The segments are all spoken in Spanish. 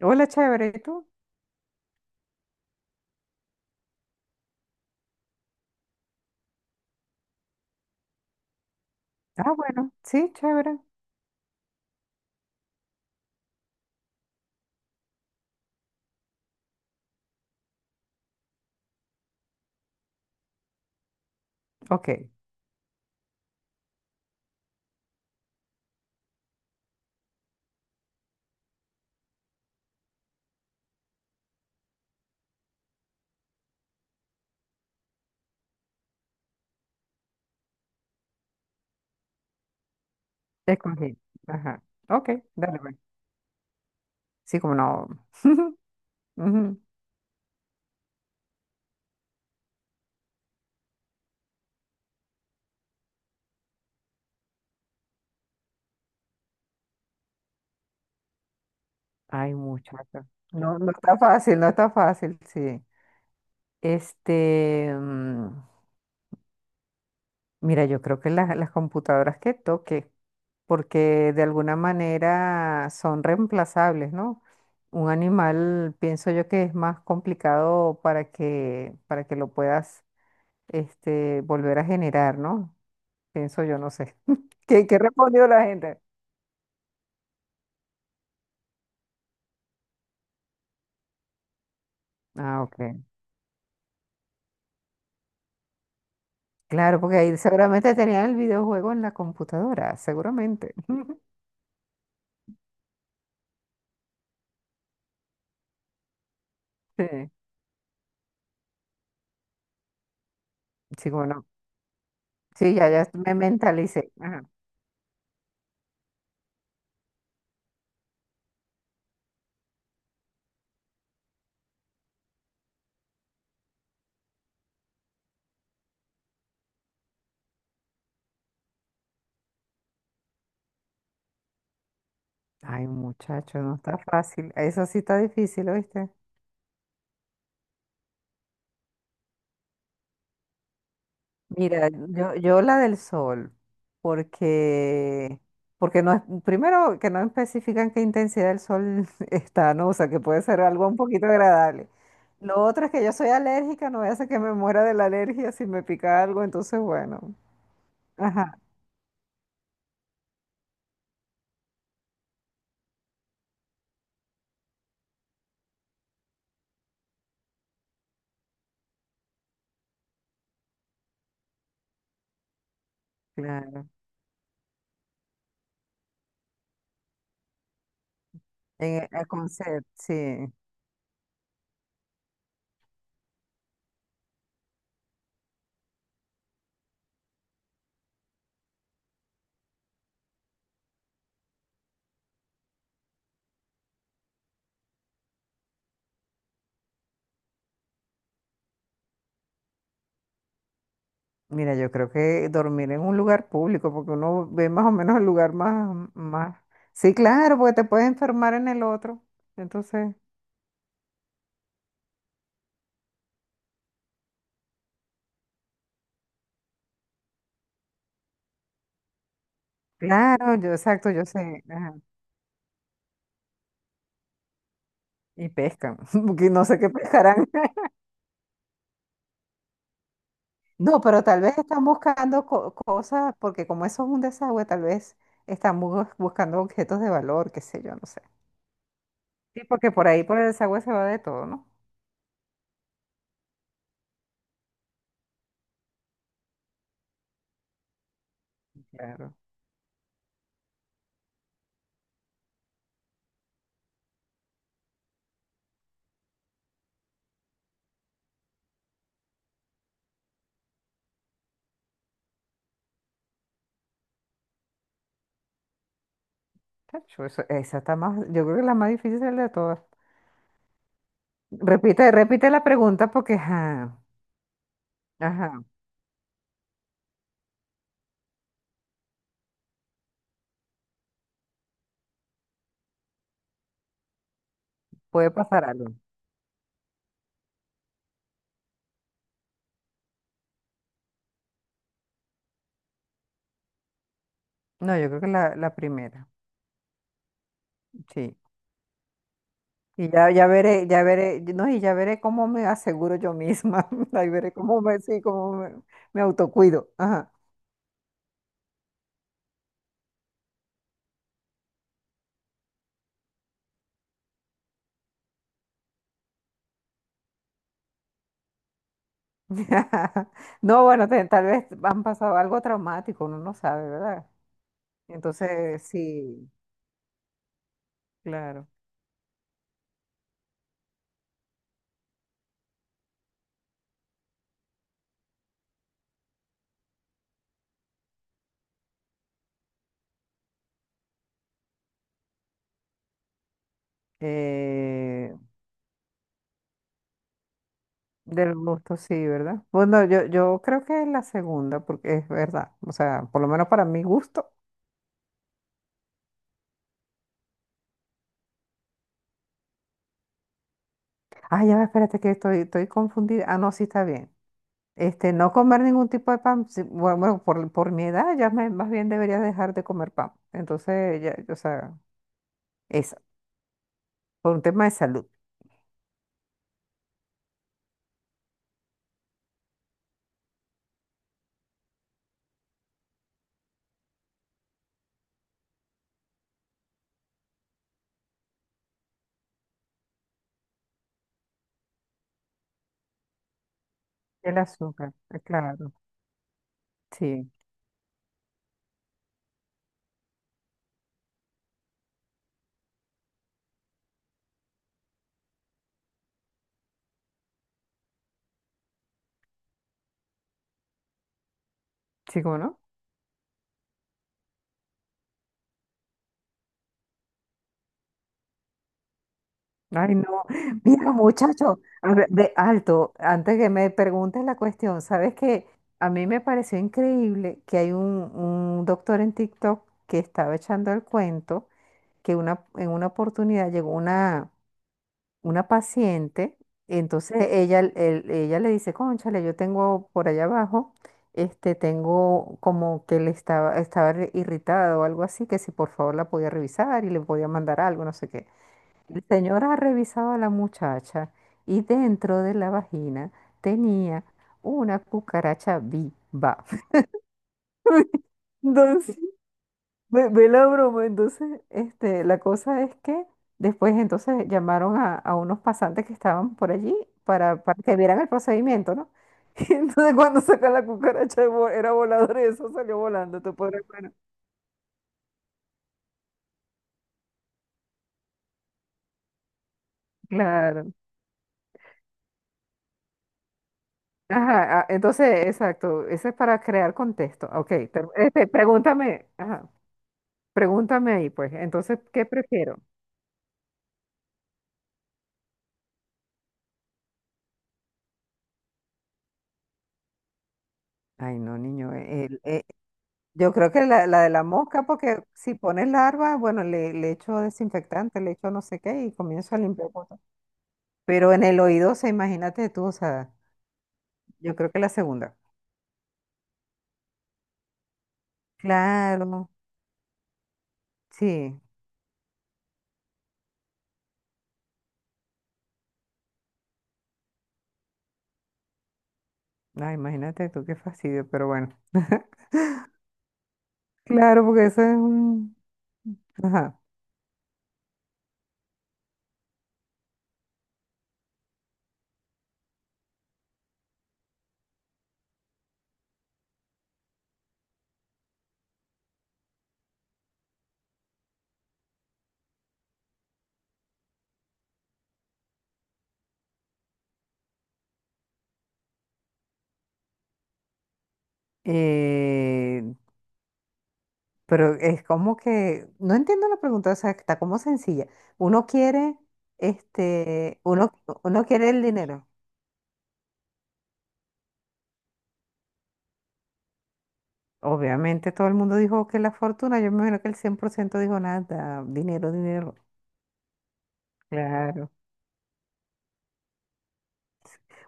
Hola, chévere, ¿y tú? Ah, bueno, sí, chévere. Ok, escogí. Ajá. Ok, dale, pues. Sí, como no. Ujú. Ay, muchacho. No, no está fácil, no está fácil, sí. Este, mm, Mira, yo creo que las computadoras que toque, porque de alguna manera son reemplazables, ¿no? Un animal, pienso yo que es más complicado para que lo puedas, volver a generar, ¿no? Pienso yo, no sé. ¿Qué respondió la gente? Ah, ok. Claro, porque ahí seguramente tenían el videojuego en la computadora, seguramente. Sí, sí, bueno. Sí, ya me mentalicé. Ajá. Ay, muchacho, no está fácil. Eso sí está difícil, ¿oíste? Mira, yo la del sol, porque, porque no es, primero que no especifican qué intensidad del sol está, ¿no? O sea, que puede ser algo un poquito agradable. Lo otro es que yo soy alérgica, no voy a hacer que me muera de la alergia si me pica algo, entonces bueno. Ajá, claro. En el concepto, sí. Mira, yo creo que dormir en un lugar público, porque uno ve más o menos el lugar más, más. Sí, claro, porque te puedes enfermar en el otro. Entonces. Claro, yo exacto, yo sé, ajá. Y pescan, porque no sé qué pescarán. No, pero tal vez están buscando cosas, porque como eso es un desagüe, tal vez están buscando objetos de valor, qué sé yo, no sé. Sí, porque por ahí, por el desagüe se va de todo, ¿no? Claro. Chacho, esa está más, yo creo que la más difícil es la de todas. Repite la pregunta porque, ajá, ajá, puede pasar algo. No, yo creo que la primera, sí. Y ya veré, no, y ya veré cómo me aseguro yo misma. Ahí veré cómo me, sí, cómo me, me autocuido. Ajá. No, bueno, tal vez han pasado algo traumático, uno no sabe, ¿verdad? Entonces, sí, claro. Eh, Del gusto, sí, ¿verdad? Bueno, yo creo que es la segunda, porque es verdad. O sea, por lo menos para mi gusto. Ah, ya va, espérate que estoy confundida. Ah, no, sí está bien. No comer ningún tipo de pan, sí, bueno, bueno, por mi edad ya más bien debería dejar de comer pan. Entonces, ya, o sea, eso, por un tema de salud. El azúcar, claro. Sí, sí, ¿cómo no? Ay, no. Mira, muchacho, a ver, de alto, antes que me preguntes la cuestión, ¿sabes qué? A mí me pareció increíble que hay un doctor en TikTok que estaba echando el cuento que una, en una oportunidad llegó una paciente, entonces ella, ella le dice, cónchale, yo tengo por allá abajo, tengo como que le estaba, estaba irritada o algo así, que si por favor la podía revisar y le podía mandar algo, no sé qué. La señora ha revisado a la muchacha y dentro de la vagina tenía una cucaracha viva. Entonces, ve, ve la broma, entonces, la cosa es que después entonces llamaron a unos pasantes que estaban por allí para que vieran el procedimiento, ¿no? Y entonces cuando saca la cucaracha era voladora y eso salió volando, te podrás imaginar. Claro. Ajá, ah, entonces, exacto, eso es para crear contexto. Ok, pero, pregúntame, ajá, pregúntame ahí, pues, entonces, ¿qué prefiero? Ay, no, niño, yo creo que la de la mosca, porque si pones larva, bueno, le echo desinfectante, le echo no sé qué y comienzo a limpiar cosas. Pero en el oído, o sea, imagínate tú, o sea, yo creo que la segunda. Claro, sí. Ay, imagínate tú, qué fastidio, pero bueno. Claro, porque eso es un... Ajá. Eh, pero es como que no entiendo la pregunta, o sea, está como sencilla. Uno quiere, este, uno, uno quiere el dinero. Obviamente todo el mundo dijo que la fortuna, yo me imagino que el 100% dijo nada, dinero, dinero. Claro.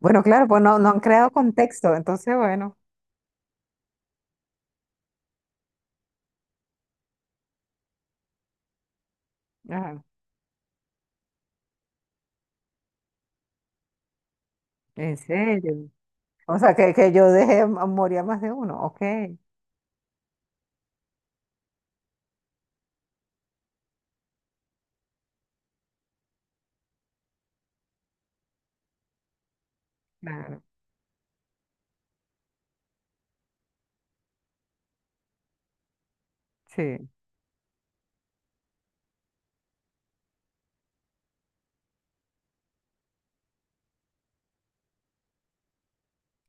Bueno, claro, pues no, no han creado contexto, entonces bueno, ajá, en serio. O sea, que yo dejé a morir a más de uno, ok, claro, sí,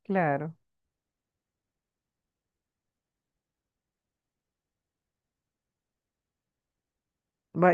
claro. Va-